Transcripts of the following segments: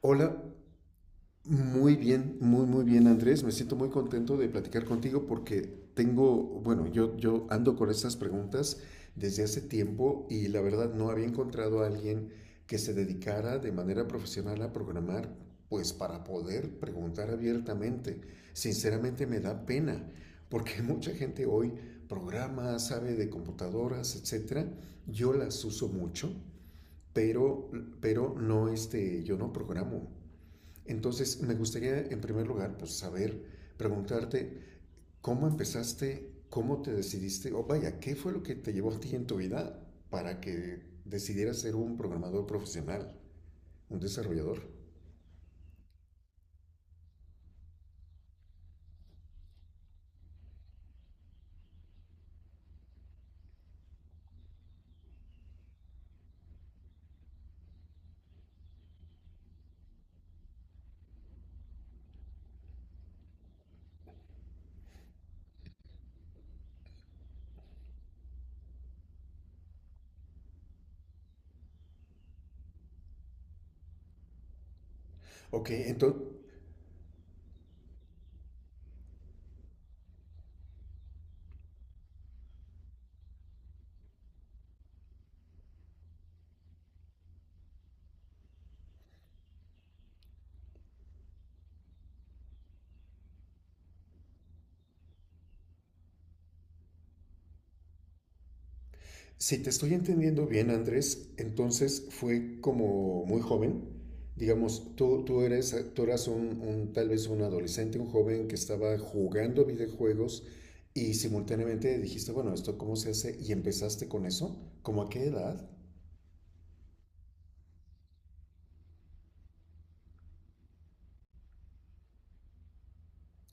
Hola, muy bien, muy, muy bien, Andrés. Me siento muy contento de platicar contigo porque tengo, bueno, yo ando con estas preguntas desde hace tiempo y la verdad no había encontrado a alguien que se dedicara de manera profesional a programar, pues para poder preguntar abiertamente. Sinceramente me da pena porque mucha gente hoy programa, sabe de computadoras, etcétera. Yo las uso mucho, pero, pero no, este, yo no programo. Entonces, me gustaría en primer lugar pues, saber, preguntarte, ¿cómo empezaste? ¿Cómo te decidiste? O vaya, ¿qué fue lo que te llevó a ti en tu vida para que decidieras ser un programador profesional, un desarrollador? Ok, entonces. Si te estoy entendiendo bien, Andrés, entonces fue como muy joven. Digamos, tú eres, tú eras tal vez un adolescente, un joven que estaba jugando videojuegos y simultáneamente dijiste, bueno, ¿esto cómo se hace? Y empezaste con eso. ¿Cómo a qué edad?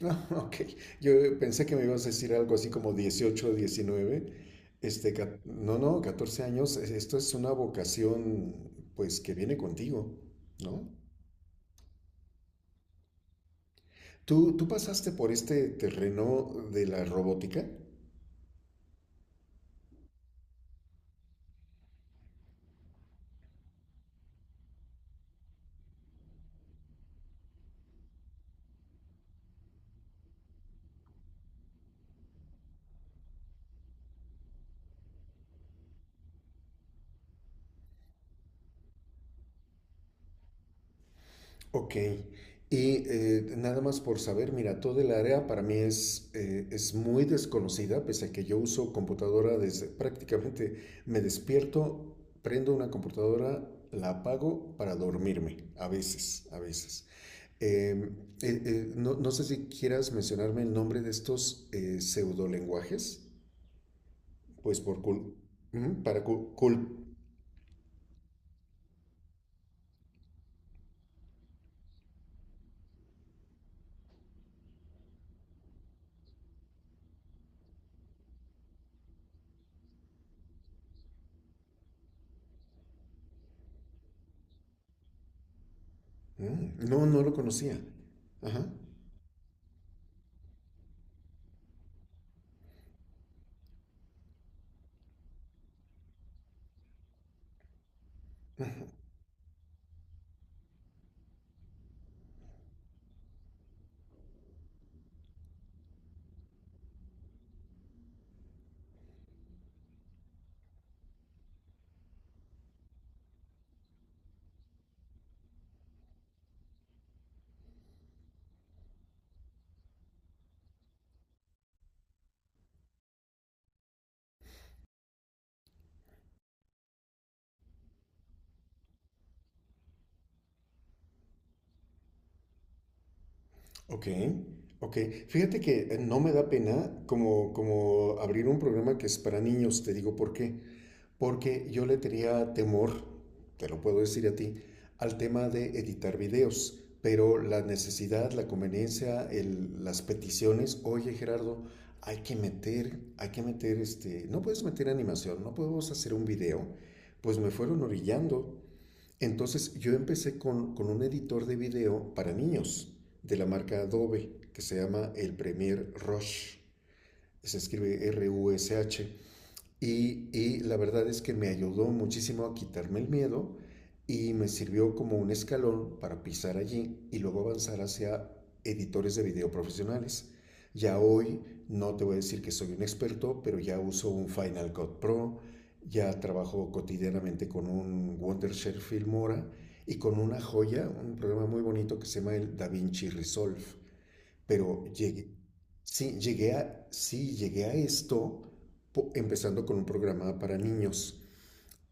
Ah, ok. Yo pensé que me ibas a decir algo así como 18, 19. Este, no, no, 14 años. Esto es una vocación, pues, que viene contigo, ¿no? ¿Tú, tú pasaste por este terreno de la robótica? Ok. Y nada más por saber, mira, todo el área para mí es muy desconocida, pese a que yo uso computadora desde prácticamente me despierto, prendo una computadora, la apago para dormirme, a veces, a veces. Eh, no sé si quieras mencionarme el nombre de estos pseudolenguajes, pues ujú, Mm. No, no lo conocía. Ajá. Ok, ok. Fíjate que no me da pena como, como abrir un programa que es para niños, te digo por qué. Porque yo le tenía temor, te lo puedo decir a ti, al tema de editar videos. Pero la necesidad, la conveniencia, el- las peticiones, oye Gerardo, hay que meter este, no puedes meter animación, no podemos hacer un video. Pues me fueron orillando. Entonces yo empecé con un editor de video para niños de la marca Adobe que se llama el Premiere Rush. Se escribe Rush. Y la verdad es que me ayudó muchísimo a quitarme el miedo y me sirvió como un escalón para pisar allí y luego avanzar hacia editores de video profesionales. Ya hoy no te voy a decir que soy un experto, pero ya uso un Final Cut Pro, ya trabajo cotidianamente con un Wondershare Filmora y con una joya, un programa muy bonito que se llama el DaVinci Resolve. Pero llegué, sí, llegué a esto po- empezando con un programa para niños.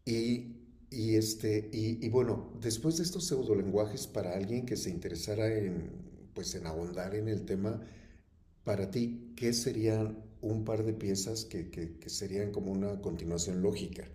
Y, y este, y bueno, después de estos pseudolenguajes, para alguien que se interesara en, pues, en ahondar en el tema, para ti, ¿qué serían un par de piezas que serían como una continuación lógica?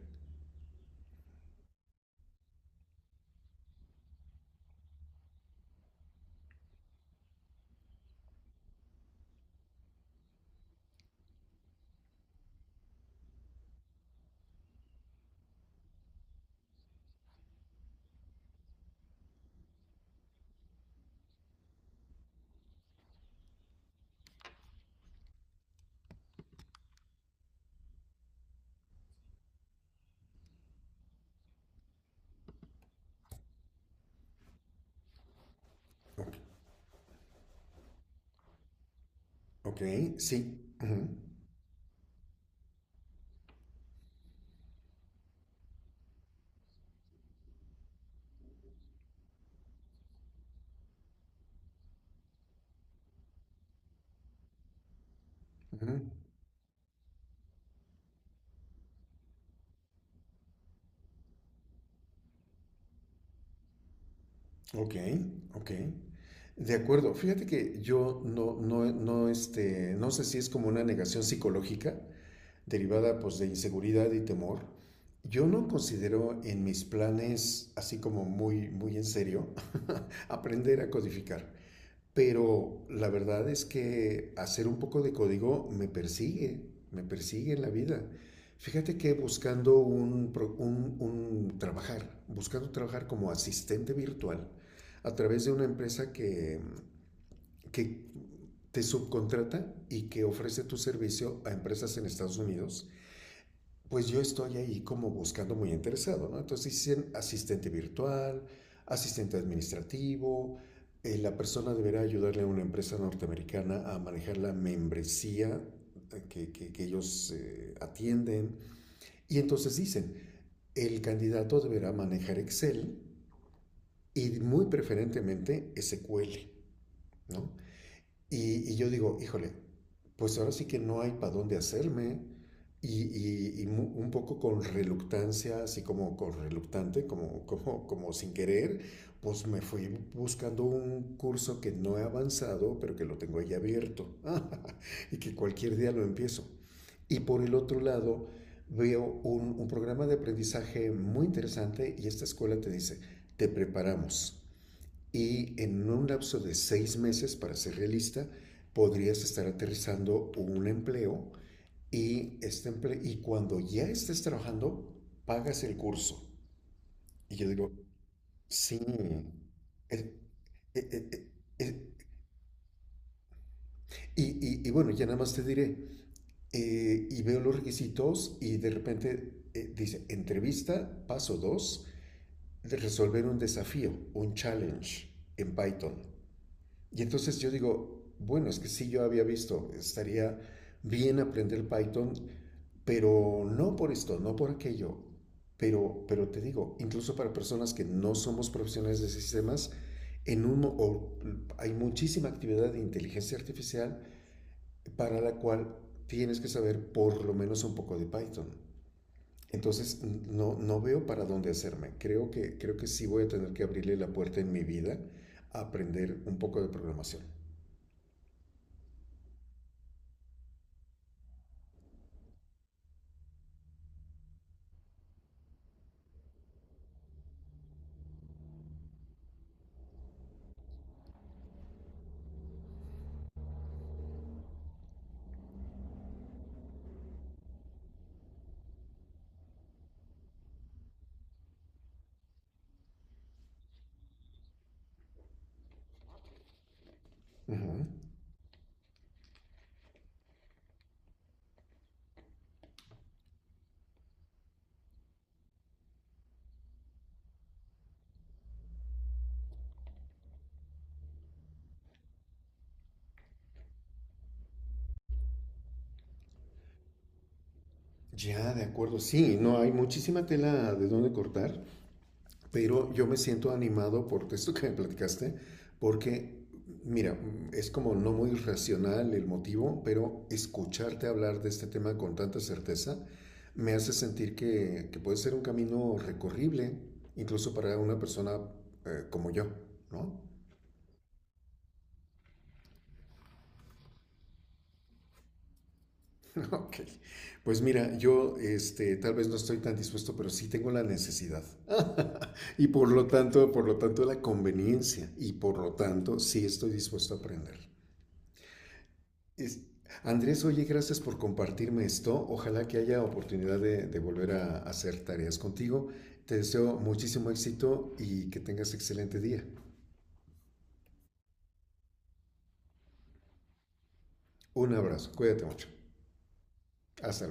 Ok, ok, sí. Ujú, ujú. Ok, ok. De acuerdo. Fíjate que yo no, no, no, este, no sé si es como una negación psicológica derivada pues de inseguridad y temor. Yo no considero en mis planes, así como muy, muy en serio, aprender a codificar. Pero la verdad es que hacer un poco de código me persigue en la vida. Fíjate que buscando buscando trabajar como asistente virtual a través de una empresa que te subcontrata y que ofrece tu servicio a empresas en Estados Unidos, pues yo estoy ahí como buscando muy interesado, ¿no? Entonces dicen asistente virtual, asistente administrativo, la persona deberá ayudarle a una empresa norteamericana a manejar la membresía que ellos atienden. Y entonces dicen, el candidato deberá manejar Excel y muy preferentemente SQL, ¿no? Y yo digo, híjole, pues ahora sí que no hay para dónde hacerme. Y mu- un poco con reluctancia, así como con reluctante, como, como, como sin querer, pues me fui buscando un curso que no he avanzado, pero que lo tengo ahí abierto. Y que cualquier día lo empiezo. Y por el otro lado, veo un programa de aprendizaje muy interesante y esta escuela te dice, te preparamos y en un lapso de 6 meses, para ser realista, podrías estar aterrizando un empleo y, este empleo y cuando ya estés trabajando, pagas el curso. Y yo digo, sí. eh, eh, eh, eh, eh, y bueno, ya nada más te diré, y veo los requisitos y de repente dice, entrevista, paso 2 de resolver un desafío, un challenge en Python. Y entonces yo digo, bueno, es que sí yo había visto, estaría bien aprender Python, pero no por esto, no por aquello. Pero te digo, incluso para personas que no somos profesionales de sistemas, en un, o, hay muchísima actividad de inteligencia artificial para la cual tienes que saber por lo menos un poco de Python. Entonces, no, no veo para dónde hacerme. Creo que sí voy a tener que abrirle la puerta en mi vida a aprender un poco de programación. Uh -huh. Ya, de acuerdo, sí, no hay muchísima tela de dónde cortar, pero yo me siento animado por esto que me platicaste, porque, mira, es como no muy racional el motivo, pero escucharte hablar de este tema con tanta certeza me hace sentir que puede ser un camino recorrible, incluso para una persona como yo, ¿no? Ok, pues mira, yo este, tal vez no estoy tan dispuesto, pero sí tengo la necesidad. Y por lo tanto, la conveniencia. Y por lo tanto, sí estoy dispuesto a aprender. Es- Andrés, oye, gracias por compartirme esto. Ojalá que haya oportunidad de volver a hacer tareas contigo. Te deseo muchísimo éxito y que tengas excelente día. Un abrazo, cuídate mucho. Hasta